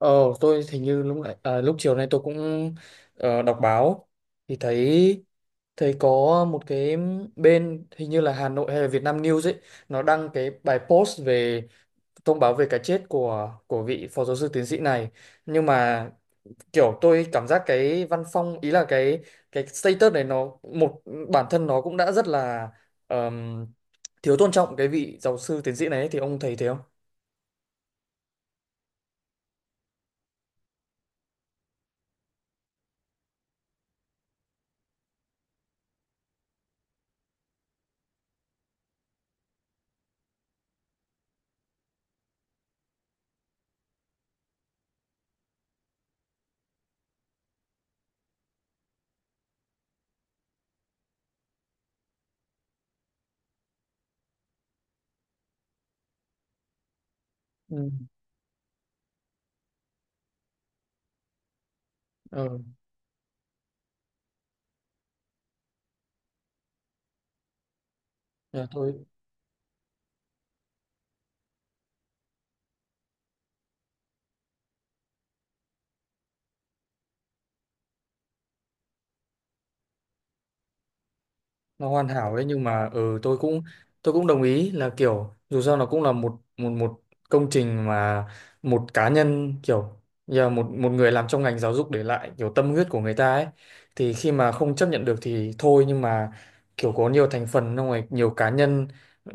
Ờ, tôi hình như lúc nãy, à, lúc chiều nay tôi cũng đọc báo thì thấy thấy có một cái bên hình như là Hà Nội hay là Việt Nam News ấy, nó đăng cái bài post về thông báo về cái chết của vị phó giáo sư tiến sĩ này. Nhưng mà kiểu tôi cảm giác cái văn phong, ý là cái status này nó một bản thân nó cũng đã rất là ờm, thiếu tôn trọng cái vị giáo sư tiến sĩ này ấy. Thì ông thấy thế không? Ừ. Ờ, dạ, thôi nó hoàn hảo đấy nhưng mà ừ tôi cũng đồng ý là kiểu dù sao nó cũng là một một một công trình mà một cá nhân, kiểu giờ một một người làm trong ngành giáo dục để lại kiểu tâm huyết của người ta ấy, thì khi mà không chấp nhận được thì thôi. Nhưng mà kiểu có nhiều thành phần, xong rồi nhiều cá nhân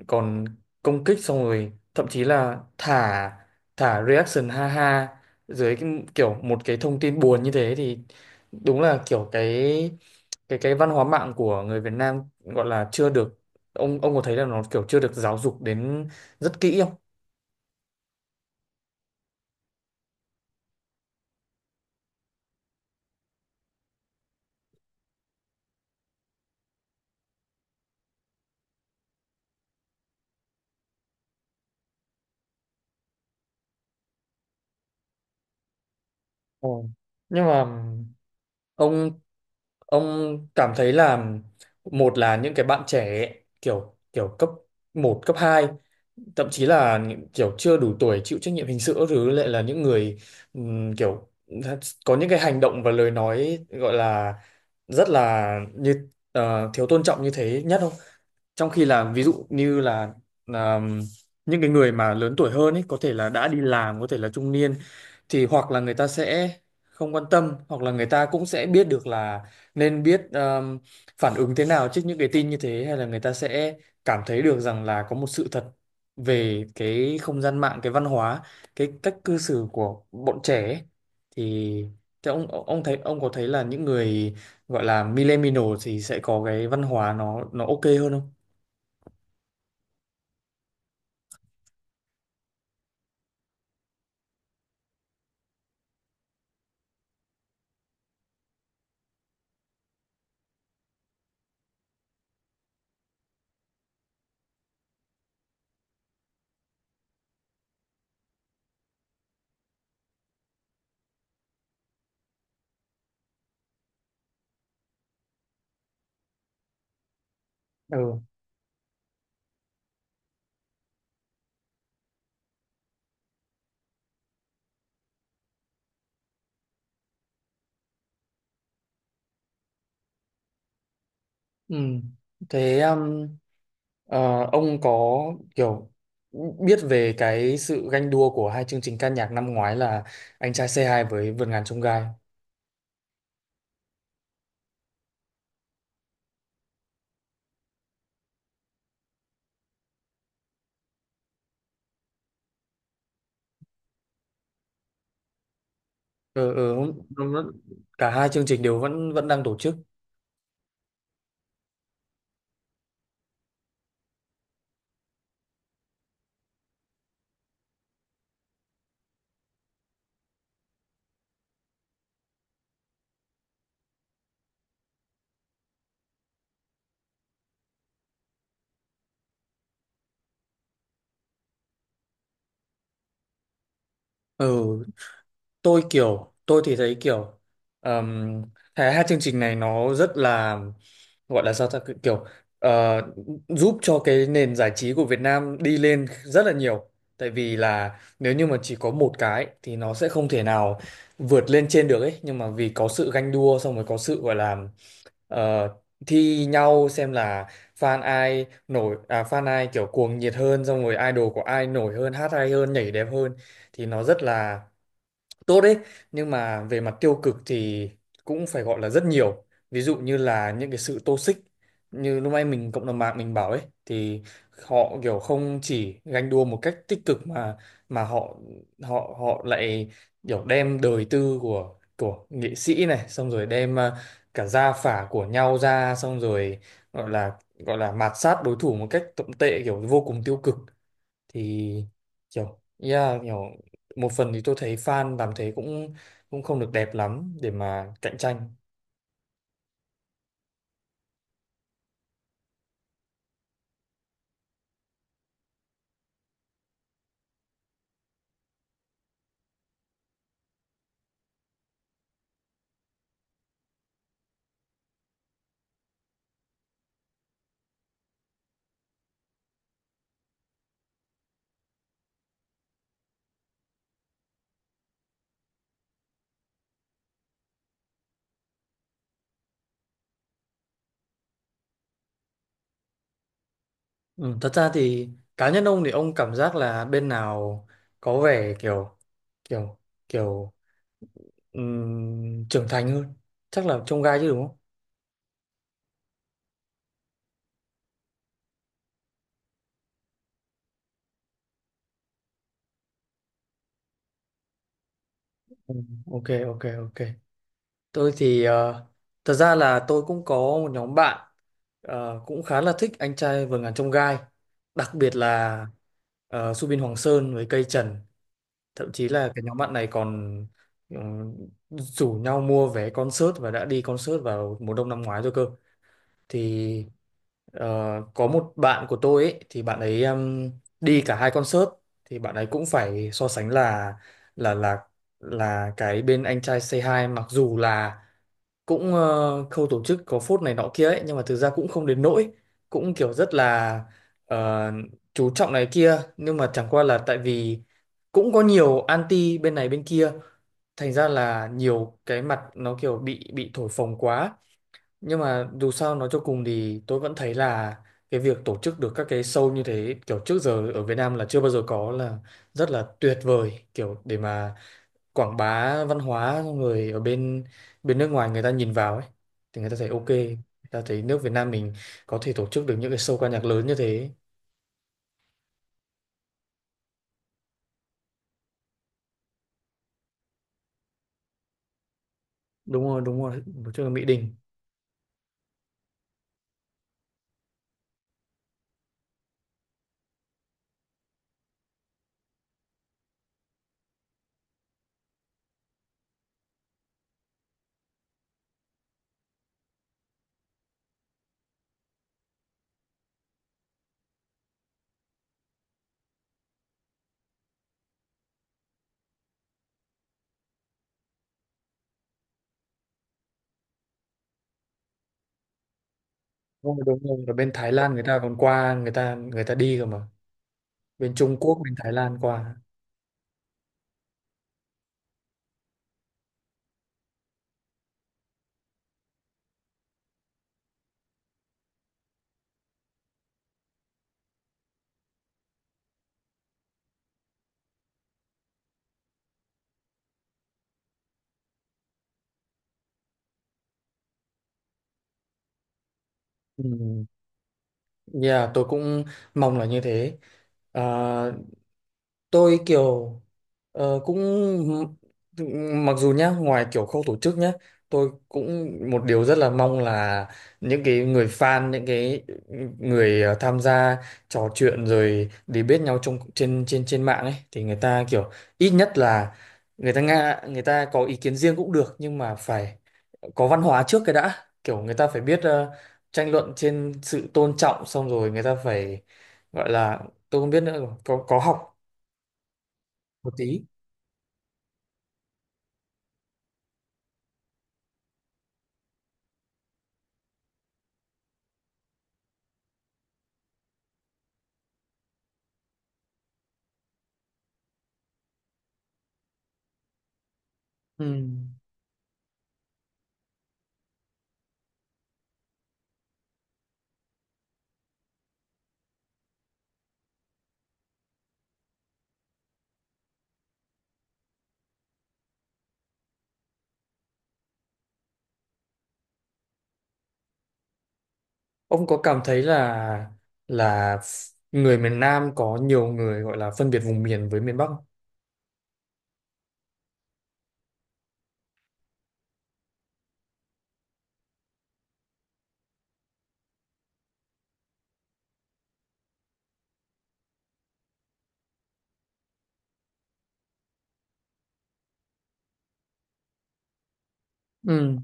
còn công kích, xong rồi thậm chí là thả thả reaction ha ha dưới cái, kiểu một cái thông tin buồn như thế, thì đúng là kiểu cái văn hóa mạng của người Việt Nam gọi là chưa được. Ông có thấy là nó kiểu chưa được giáo dục đến rất kỹ không? Ờ. Nhưng mà ông cảm thấy là một là những cái bạn trẻ ấy, kiểu kiểu cấp một cấp hai, thậm chí là những kiểu chưa đủ tuổi chịu trách nhiệm hình sự các thứ lại là những người kiểu có những cái hành động và lời nói gọi là rất là như thiếu tôn trọng như thế nhất không? Trong khi là ví dụ như là là những cái người mà lớn tuổi hơn ấy, có thể là đã đi làm, có thể là trung niên, thì hoặc là người ta sẽ không quan tâm, hoặc là người ta cũng sẽ biết được là nên biết phản ứng thế nào trước những cái tin như thế, hay là người ta sẽ cảm thấy được rằng là có một sự thật về cái không gian mạng, cái văn hóa, cái cách cư xử của bọn trẻ ấy. Thì thế ông thấy ông có thấy là những người gọi là millennial thì sẽ có cái văn hóa nó ok hơn không? Ừ ừ Thế ờ, ông có kiểu biết về cái sự ganh đua của hai chương trình ca nhạc năm ngoái là Anh trai C2 với vườn ngàn chông gai? Ừ. nó- Cả hai chương trình đều vẫn vẫn đang tổ chức. Ừ, tôi kiểu tôi thì thấy kiểu um, cái hai chương trình này nó rất là gọi là sao ta, kiểu ờ, giúp cho cái nền giải trí của Việt Nam đi lên rất là nhiều, tại vì là nếu như mà chỉ có một cái thì nó sẽ không thể nào vượt lên trên được ấy. Nhưng mà vì có sự ganh đua, xong rồi có sự gọi là ờ, thi nhau xem là fan ai nổi, à fan ai kiểu cuồng nhiệt hơn, xong rồi idol của ai nổi hơn, hát hay hơn, nhảy đẹp hơn, thì nó rất là tốt đấy. Nhưng mà về mặt tiêu cực thì cũng phải gọi là rất nhiều, ví dụ như là những cái sự toxic như lúc nãy mình cộng đồng mạng mình bảo ấy, thì họ kiểu không chỉ ganh đua một cách tích cực mà họ họ họ lại kiểu đem đời tư của nghệ sĩ này, xong rồi đem à, cả gia phả của nhau ra, xong rồi gọi là mạt sát đối thủ một cách tồi tệ, kiểu vô cùng tiêu cực. Thì kiểu yeah, kiểu một phần thì tôi thấy fan làm thế cũng cũng không được đẹp lắm để mà cạnh tranh. Ừ, thật ra thì cá nhân ông thì ông cảm giác là bên nào có vẻ kiểu kiểu kiểu trưởng thành hơn, chắc là trông gai chứ đúng không? Ừ, ok ok ok Tôi thì thật ra là tôi cũng có một nhóm bạn cũng khá là thích anh trai vượt ngàn chông gai, đặc biệt là Subin Hoàng Sơn với Cây Trần, thậm chí là cái nhóm bạn này còn ừ, rủ nhau mua vé concert và đã đi concert vào mùa đông năm ngoái rồi cơ. Thì ờ, có một bạn của tôi ấy thì bạn ấy đi cả hai concert, thì bạn ấy cũng phải so sánh là là là cái bên anh trai Say Hi mặc dù là cũng khâu tổ chức có phốt này nọ kia ấy, nhưng mà thực ra cũng không đến nỗi, cũng kiểu rất là ờ, chú trọng này kia, nhưng mà chẳng qua là tại vì cũng có nhiều anti bên này bên kia, thành ra là nhiều cái mặt nó kiểu bị thổi phồng quá. Nhưng mà dù sao nói cho cùng thì tôi vẫn thấy là cái việc tổ chức được các cái show như thế, kiểu trước giờ ở Việt Nam là chưa bao giờ có, là rất là tuyệt vời, kiểu để mà quảng bá văn hóa, xong rồi ở bên bên nước ngoài người ta nhìn vào ấy thì người ta thấy ok, người ta thấy nước Việt Nam mình có thể tổ chức được những cái show ca nhạc lớn như thế. Đúng rồi, đúng rồi, tổ chức ở Mỹ Đình. Đúng rồi, đúng rồi, ở bên Thái Lan người ta còn qua, người ta đi cơ mà. Bên Trung Quốc bên Thái Lan qua. Ừ. Dạ, tôi cũng mong là như thế. Ờ, tôi kiểu cũng mặc dù nhá ngoài kiểu khâu tổ chức nhá, tôi cũng một điều rất là mong là những cái người fan, những cái người tham gia trò chuyện rồi để biết nhau trong trên trên trên mạng ấy, thì người ta kiểu ít nhất là người ta người ta có ý kiến riêng cũng được nhưng mà phải có văn hóa trước cái đã, kiểu người ta phải biết tranh luận trên sự tôn trọng, xong rồi người ta phải gọi là, tôi không biết nữa, có học một tí. Ừ. Ông có cảm thấy là là người miền Nam có nhiều người gọi là phân biệt vùng miền với miền Bắc không? Ừ.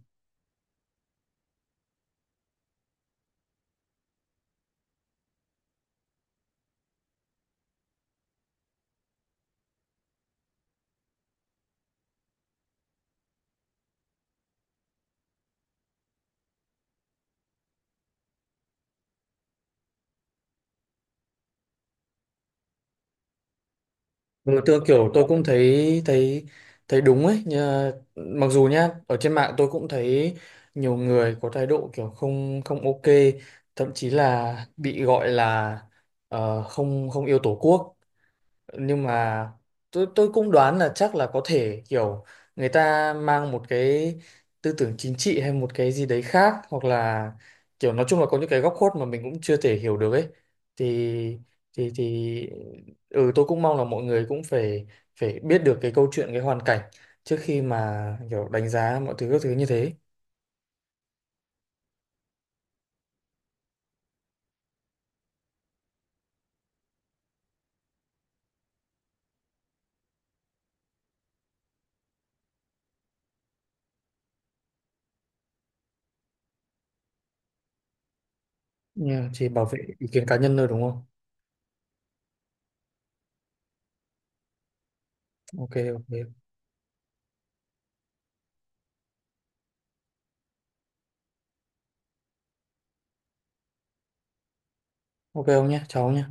Ừ, tôi kiểu tôi cũng thấy thấy thấy đúng ấy nhờ, mặc dù nhá ở trên mạng tôi cũng thấy nhiều người có thái độ kiểu không không ok, thậm chí là bị gọi là không không yêu tổ quốc. Nhưng mà tôi cũng đoán là chắc là có thể kiểu người ta mang một cái tư tưởng chính trị hay một cái gì đấy khác, hoặc là kiểu nói chung là có những cái góc khuất mà mình cũng chưa thể hiểu được ấy. Thì thì thì ừ tôi cũng mong là mọi người cũng phải phải biết được cái câu chuyện, cái hoàn cảnh trước khi mà kiểu đánh giá mọi thứ các thứ như thế. Nhưng mà chỉ bảo vệ ý kiến cá nhân thôi đúng không? Ok, ok, ông nhé cháu nhé.